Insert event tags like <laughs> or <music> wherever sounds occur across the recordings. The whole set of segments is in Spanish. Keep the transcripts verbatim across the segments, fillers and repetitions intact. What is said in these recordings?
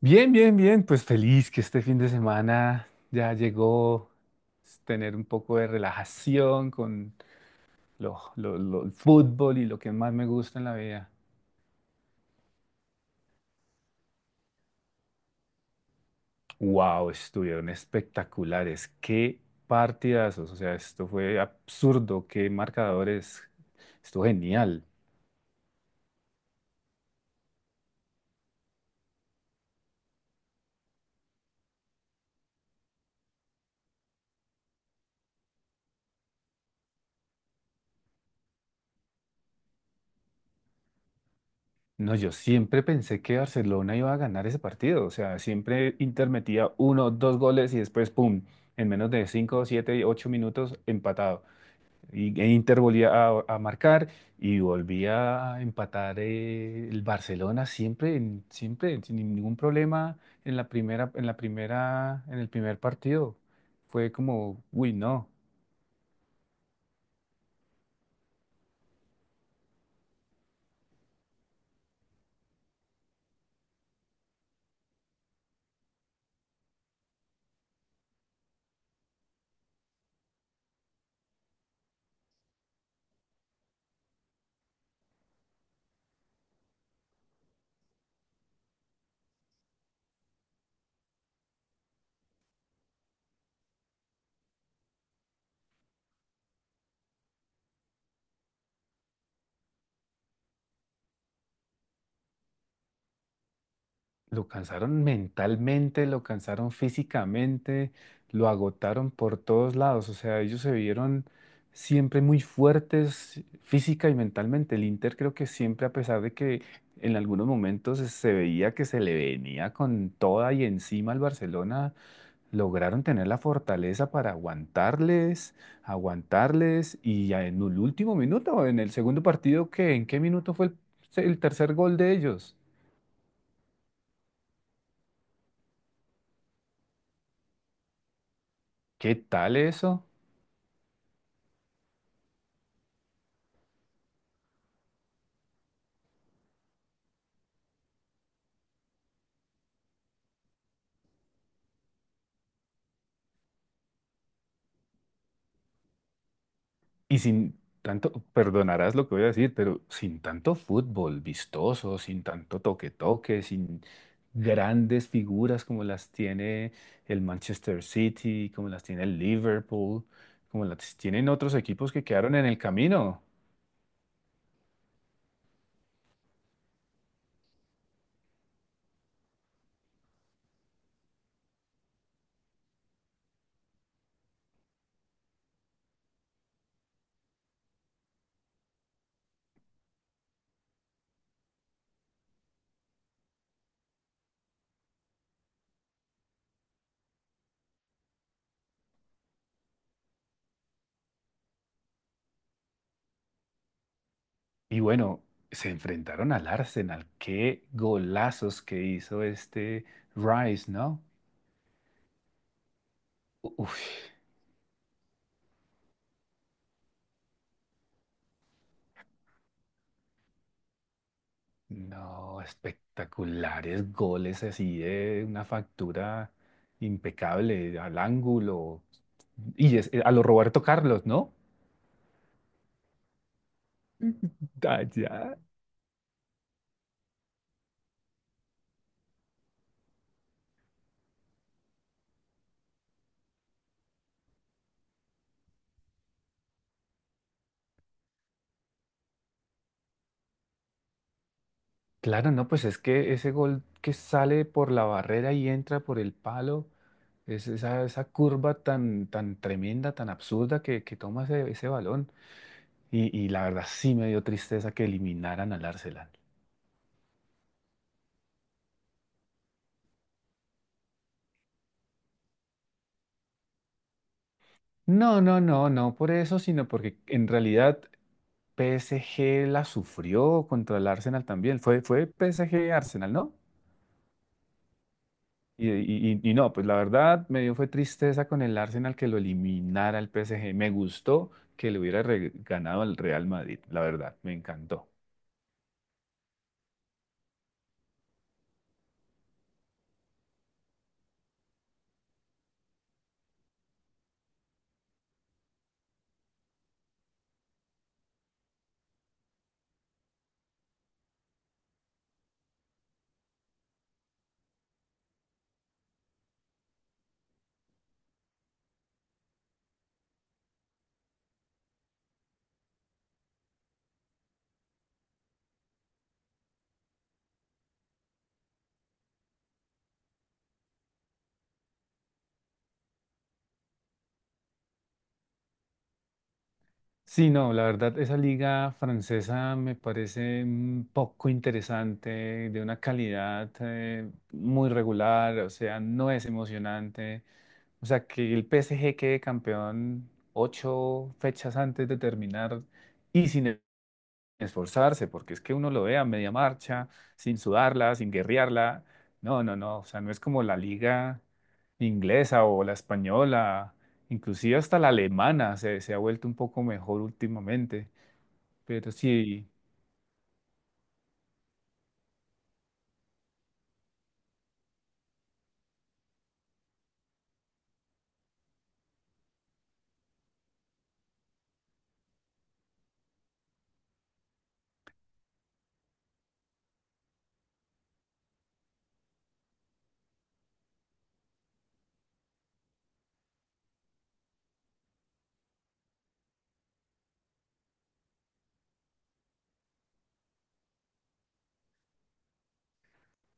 Bien, bien, bien, pues feliz que este fin de semana ya llegó s- tener un poco de relajación con lo, lo- lo- el fútbol y lo que más me gusta en la vida. Wow, estuvieron espectaculares, qué partidazos, o sea, esto fue absurdo, qué marcadores, estuvo genial. No, yo siempre pensé que Barcelona iba a ganar ese partido, o sea, siempre Inter metía uno, dos goles y después, ¡pum!, en menos de cinco, siete, ocho minutos empatado. Y, e Inter volvía a, a marcar y volvía a empatar eh, el Barcelona siempre, en- siempre, sin ningún problema en la primera, en la primera, en el primer partido. Fue como, uy, no. Lo cansaron mentalmente, lo cansaron físicamente, lo agotaron por todos lados. O sea, ellos se vieron siempre muy fuertes física y mentalmente. El Inter creo que siempre, a pesar de que en algunos momentos se veía que se le venía con toda y encima al Barcelona, lograron tener la fortaleza para aguantarles, aguantarles y ya en el último minuto, en el segundo partido, ¿qué? ¿En qué minuto fue el el tercer gol de ellos? ¿Qué tal eso? Y sin tanto, perdonarás lo que voy a decir, pero sin tanto fútbol vistoso, sin tanto toque-toque, sin grandes figuras como las tiene el Manchester City, como las tiene el Liverpool, como las tienen otros equipos que quedaron en el camino. Y bueno, se enfrentaron al Arsenal. Qué golazos que hizo este Rice, ¿no? Uf. No, espectaculares goles así de una factura impecable al ángulo y es- eh, a lo Roberto Carlos, ¿no? <laughs> Allá. Claro, no, pues es que ese gol que sale por la barrera y entra por el palo, es esa, esa, curva tan, tan tremenda, tan absurda que, que toma ese, ese balón. Y, y la verdad sí me dio tristeza que eliminaran al Arsenal. No, no, no, no por eso, sino porque en realidad P S G la sufrió contra el Arsenal también. Fue, fue P S G-Arsenal, ¿no? Y, y- y- y no, pues la verdad me dio fue tristeza con el Arsenal que lo eliminara el P S G. Me gustó que le hubiera re- ganado al Real Madrid, la verdad, me encantó. Sí, no, la verdad, esa liga francesa me parece mm, poco interesante, de una calidad eh, muy regular, o sea, no es emocionante. O sea, que el P S G quede campeón ocho fechas antes de terminar y sin esforzarse, porque es que uno lo ve a media marcha, sin sudarla, sin guerrearla. No, no, no. O sea, no es como la liga inglesa o la española, inclusive hasta la alemana se, se ha vuelto un poco mejor últimamente. Pero sí,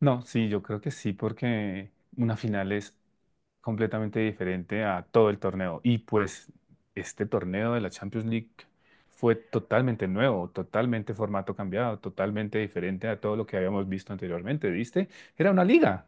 no, sí, yo creo que sí, porque una final es completamente diferente a todo el torneo. Y pues este torneo de la Champions League fue totalmente nuevo, totalmente formato cambiado, totalmente diferente a todo lo que habíamos visto anteriormente, ¿viste? Era una liga.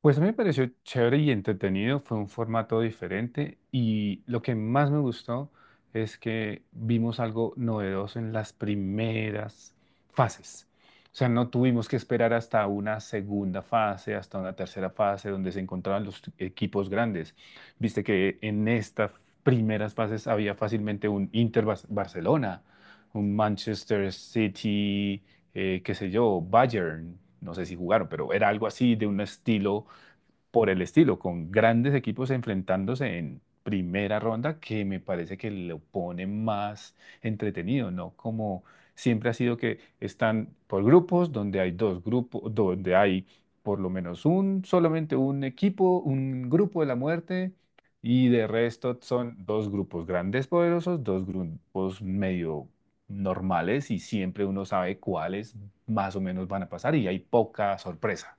Pues a mí me pareció chévere y entretenido, fue un formato diferente y lo que más me gustó es que vimos algo novedoso en las primeras fases. O sea, no tuvimos que esperar hasta una segunda fase, hasta una tercera fase donde se encontraban los equipos grandes. Viste que en estas primeras fases había fácilmente un Inter Bar- Barcelona, un Manchester City, eh, qué sé yo, Bayern. No sé si jugaron, pero era algo así de un estilo por el estilo, con grandes equipos enfrentándose en primera ronda, que me parece que lo pone más entretenido, ¿no? Como siempre ha sido que están por grupos, donde hay dos grupos, donde hay por lo menos un, solamente un equipo, un grupo de la muerte, y de resto son dos grupos grandes poderosos, dos grupos medio normales, y siempre uno sabe cuáles más o menos van a pasar, y hay poca sorpresa.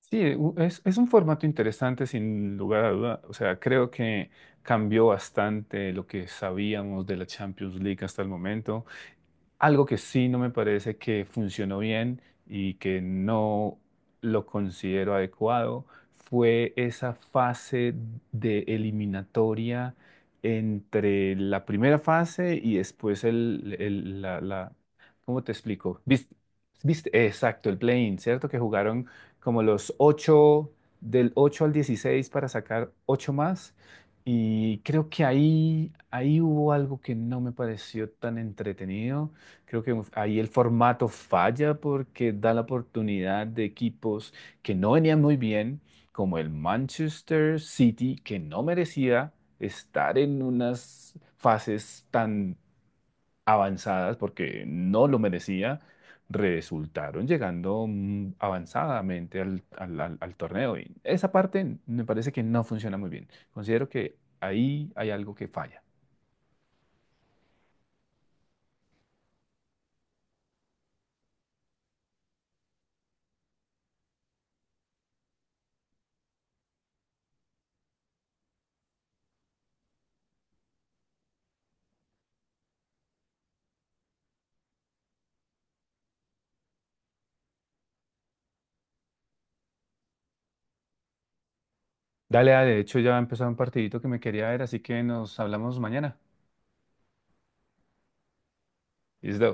Sí, u- es, es un formato interesante sin lugar a duda. O sea, creo que cambió bastante lo que sabíamos de la Champions League hasta el momento. Algo que sí no me parece que funcionó bien y que no lo considero adecuado fue esa fase de eliminatoria entre la primera fase y después el, el- la, la- ¿cómo te explico? ¿Viste? ¿Viste? Exacto, el play-in, ¿cierto? Que jugaron como los ocho del ocho al dieciséis para sacar ocho más. Y creo que ahí, ahí hubo algo que no me pareció tan entretenido. Creo que ahí el formato falla porque da la oportunidad de equipos que no venían muy bien, como el Manchester City, que no merecía estar en unas fases tan avanzadas porque no lo merecía, resultaron llegando mm, avanzadamente al, al- al- al torneo. Y esa parte me parece que no funciona muy bien. Considero que ahí hay algo que falla. Dale, dale, de hecho ya empezó un partidito que me quería ver, así que nos hablamos mañana. ¿Listo?